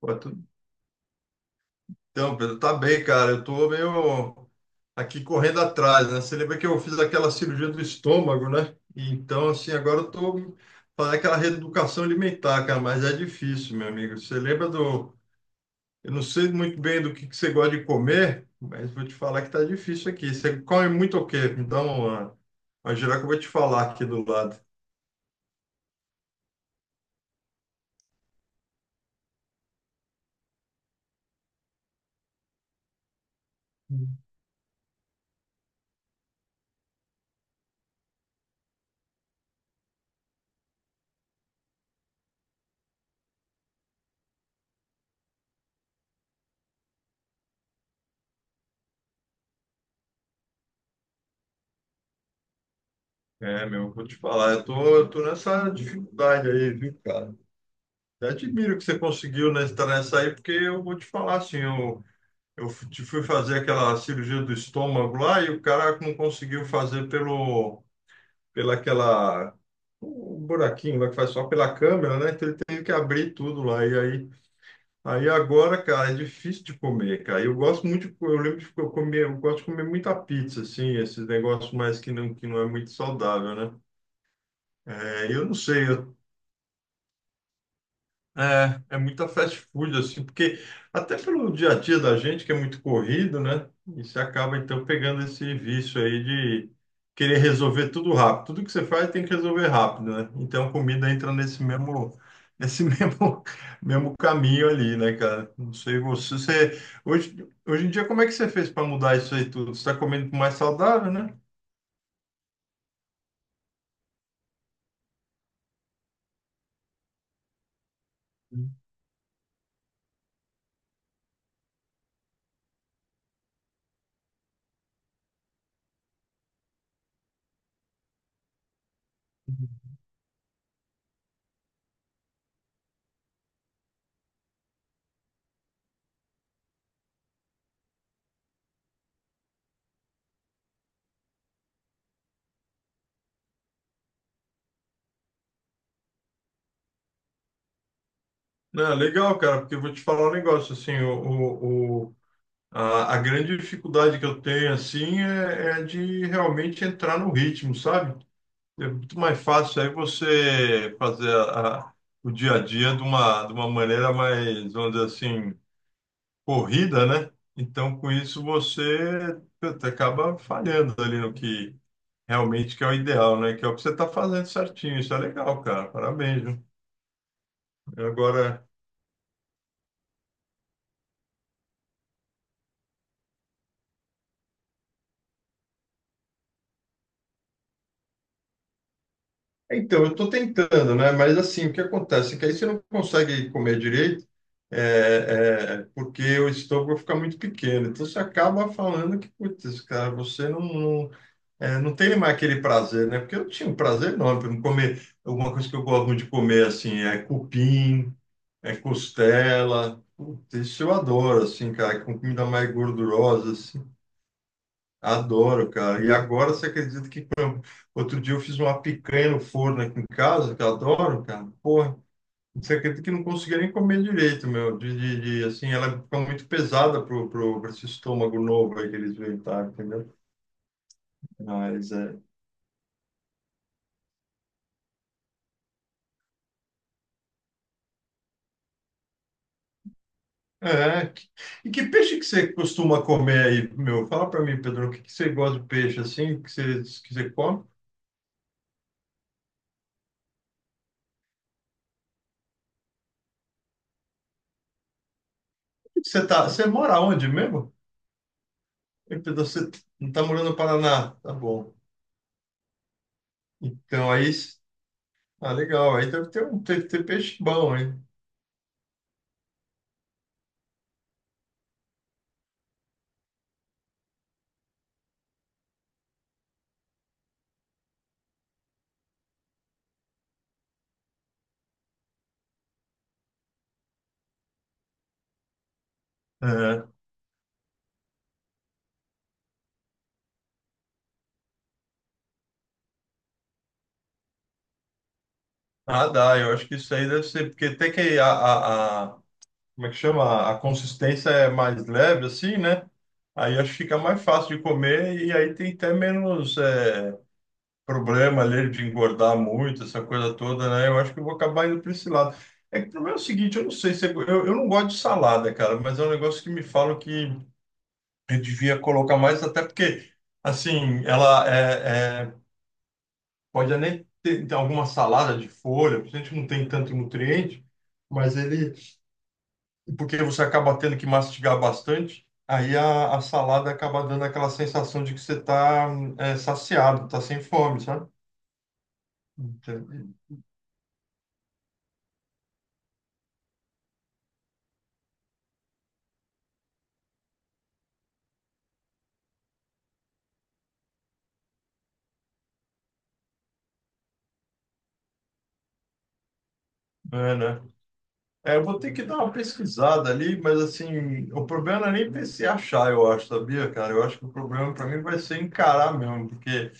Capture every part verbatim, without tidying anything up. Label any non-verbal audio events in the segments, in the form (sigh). Pô, tu- então, Pedro, tá bem, cara. Eu tô meio aqui correndo atrás, né? Você lembra que eu fiz aquela cirurgia do estômago, né? E Então, assim, agora eu tô fazendo aquela reeducação alimentar, cara, mas é difícil, meu amigo. Você lembra do. Eu não sei muito bem do que que você gosta de comer, mas vou te falar que tá difícil aqui. Você come muito o quê? Me dá uma. Uma geral que eu vou te falar aqui do lado. É, meu, vou te falar. Eu tô, eu tô nessa dificuldade aí, viu, cara? Eu admiro que você conseguiu nessa, nessa aí, porque eu vou te falar assim, eu, eu te fui fazer aquela cirurgia do estômago lá e o cara não conseguiu fazer pelo, pela aquela, um buraquinho lá que faz só pela câmera, né? Então ele teve que abrir tudo lá. E aí, aí agora, cara, é difícil de comer, cara. Eu gosto muito, de, co- eu lembro de que eu comer, eu gosto de comer muita pizza, assim, esses negócios mais que não, que não é muito saudável, né? É, eu não sei, eu é, é muita fast food, assim, porque até pelo dia a dia da gente, que é muito corrido, né? E você acaba, então, pegando esse vício aí de querer resolver tudo rápido. Tudo que você faz tem que resolver rápido, né? Então, a comida entra nesse mesmo, nesse (laughs) mesmo, mesmo caminho ali, né, cara? Não sei você, você hoje, hoje em dia, como é que você fez para mudar isso aí tudo? Você está comendo mais saudável, né? Não, legal, cara, porque eu vou te falar um negócio, assim, o, o, o- A, a grande dificuldade que eu tenho, assim, é, é de realmente entrar no ritmo, sabe? É muito mais fácil aí você fazer a- a- o dia a dia de uma, de uma maneira mais, vamos dizer assim, corrida, né? Então, com isso, você puta, acaba falhando ali no que realmente que é o ideal, né? Que é o que você está fazendo certinho. Isso é legal, cara. Parabéns, viu? Agora. Então, eu estou tentando, né? Mas assim, o que acontece é que aí você não consegue comer direito, é, é, porque o estômago fica muito pequeno. Então você acaba falando que, putz, cara, você não, não, é, não tem mais aquele prazer, né? Porque eu tinha um prazer enorme para comer. Alguma coisa que eu gosto muito de comer, assim, é cupim, é costela. Putz, isso eu adoro, assim, cara, com comida mais gordurosa, assim. Adoro, cara. E agora você acredita que outro dia eu fiz uma picanha no forno aqui em casa, que eu adoro, cara. Porra, você acredita que eu não conseguia nem comer direito, meu? De, de, de, assim, ela fica muito pesada pro, pro, pra esse estômago novo aí que eles inventaram, entendeu? Mas é. É. que- E que peixe que você costuma comer aí, meu? Fala pra mim, Pedro, o que, que você gosta de peixe assim, que você, que você come? Você tá, você mora onde mesmo? Ei, Pedro, você não tá morando no Paraná? Tá bom. Então aí. Ah, legal. Aí deve ter um ter, ter peixe bom, hein? É. Ah, dá. Eu acho que isso aí deve ser, porque tem que a, a, a- como é que chama? A consistência é mais leve, assim, né? Aí acho que fica mais fácil de comer e aí tem até menos é, problema ali de engordar muito, essa coisa toda, né? Eu acho que eu vou acabar indo para esse lado. É que o problema é o seguinte, eu não sei se é- eu, eu não gosto de salada, cara, mas é um negócio que me falam que eu devia colocar mais, até porque assim, ela é, é pode nem ter ter alguma salada de folha, porque a gente não tem tanto nutriente, mas ele, porque você acaba tendo que mastigar bastante, aí a, a salada acaba dando aquela sensação de que você está saciado, está sem fome, sabe? Entendi. É, né? É, eu vou ter que dar uma pesquisada ali, mas assim, o problema não é nem se achar, eu acho, sabia, cara? Eu acho que o problema para mim vai ser encarar mesmo, porque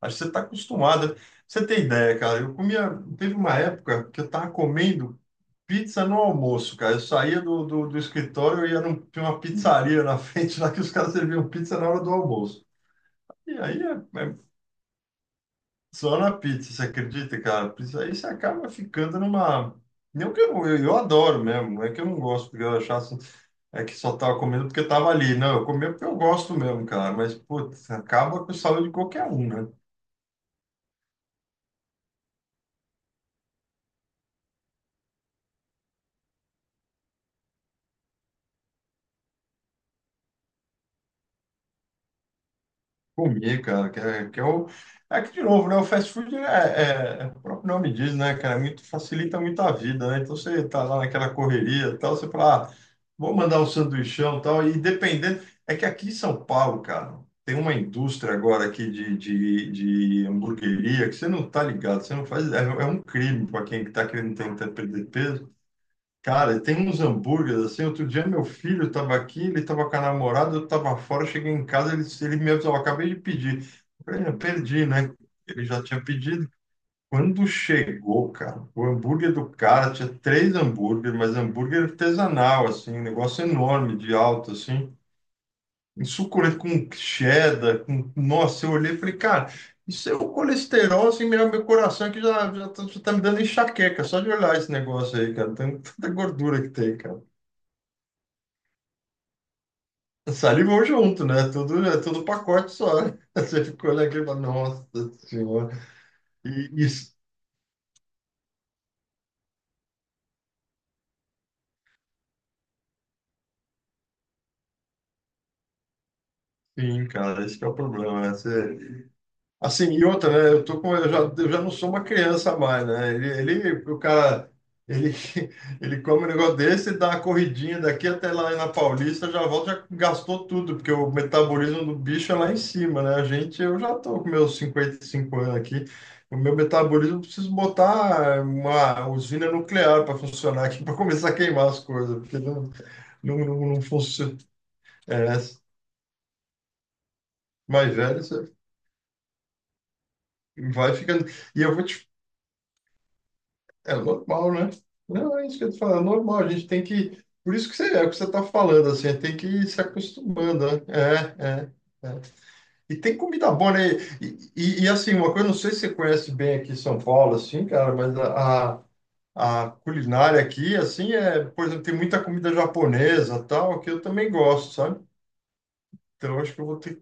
acho que você está acostumada. Você tem ideia, cara? Eu comia, teve uma época que eu estava comendo. Pizza no almoço, cara. Eu saía do, do, do escritório e ia num, tinha uma pizzaria na (laughs) frente lá que os caras serviam pizza na hora do almoço. E aí é, é só na pizza, você acredita, cara? Pizza, aí você acaba ficando numa. Não que eu, eu, eu adoro mesmo, não é que eu não gosto, porque eu achasse é que só tava comendo porque tava ali. Não, eu comia porque eu gosto mesmo, cara. Mas, putz, acaba com a saúde de qualquer um, né? Comer, cara, que é, que é o. Aqui de novo, né? O fast food é, é- é- o próprio nome diz, né, cara? É muito, facilita muito a vida, né? Então você tá lá naquela correria e tal, você fala, ah, vou mandar um sanduichão e tal, e dependendo. É que aqui em São Paulo, cara, tem uma indústria agora aqui de, de, de hamburgueria que você não tá ligado, você não faz. É, é um crime para quem tá querendo tentar perder peso. Cara, tem uns hambúrgueres assim. Outro dia meu filho estava aqui, ele estava com a namorada, eu estava fora, cheguei em casa, ele, ele me avisou, "Ó, acabei de pedir." Eu falei, eu perdi, né? Ele já tinha pedido. Quando chegou, cara, o hambúrguer do cara tinha três hambúrgueres, mas hambúrguer artesanal, assim, um negócio enorme, de alto, assim, um suculento com cheddar, com... Nossa, eu olhei e falei, cara, isso é o colesterol, assim, meu, meu coração é que já, já, tá, já tá me dando enxaqueca, só de olhar esse negócio aí, cara, tanta tanta gordura que tem, cara. Salivou junto, né? Tudo, é tudo pacote só. (laughs) Você ficou olhando aqui e fala, nossa senhora. E isso, sim, cara, esse que é o problema. Né? Você, assim, e outra, né? Eu tô com, eu já, eu já não sou uma criança mais, né? Ele, ele, o cara, ele, (laughs) ele come um negócio desse, dá uma corridinha daqui até lá na Paulista, já volta, já gastou tudo, porque o metabolismo do bicho é lá em cima, né? A gente, eu já tô com meus cinquenta e cinco anos aqui, o meu metabolismo, eu preciso botar uma usina nuclear para funcionar aqui, (laughs) para começar a queimar as coisas, porque não, não, não, não funciona. É, mais velho, você vai ficando. E eu vou te é normal, né? Não, é isso que eu tô falando, é normal, a gente tem que. Por isso que você, é o que você está falando, assim, tem que ir se acostumando, né? É, é, é. E tem comida boa, né? E, e, e, assim, uma coisa, não sei se você conhece bem aqui em São Paulo, assim, cara, mas a, a a culinária aqui, assim, é, por exemplo, tem muita comida japonesa, tal, que eu também gosto, sabe? Então, acho que eu vou ter.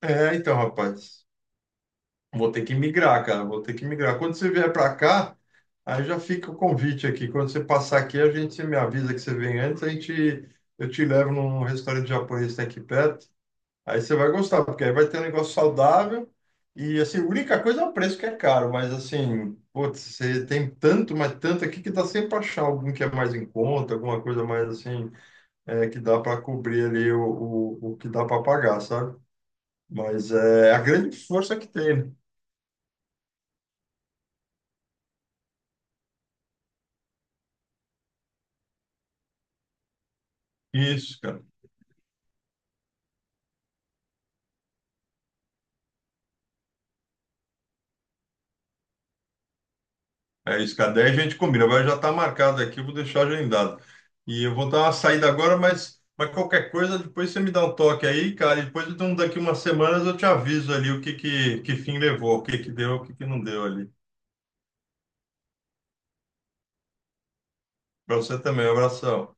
É, então, rapaz. Vou ter que migrar, cara. Vou ter que migrar. Quando você vier para cá, aí já fica o convite aqui. Quando você passar aqui, a gente você me avisa que você vem antes, a gente eu te levo num restaurante japonês que tem aqui perto. Aí você vai gostar, porque aí vai ter um negócio saudável e assim, a única coisa é o preço que é caro, mas assim, putz, você tem tanto, mas tanto aqui que dá sempre para achar algum que é mais em conta, alguma coisa mais assim, é, que dá para cobrir ali o, o, o que dá para pagar, sabe? Mas é a grande força que tem, né? Isso, cara. É isso, cara. Daí a gente combina. Agora já está marcado aqui, eu vou deixar agendado. E eu vou dar uma saída agora, mas, mas qualquer coisa, depois você me dá um toque aí, cara. E depois, então, daqui umas semanas, eu te aviso ali o que, que, que fim levou, o que, que deu, o que, que não deu ali. Para você também, um abração.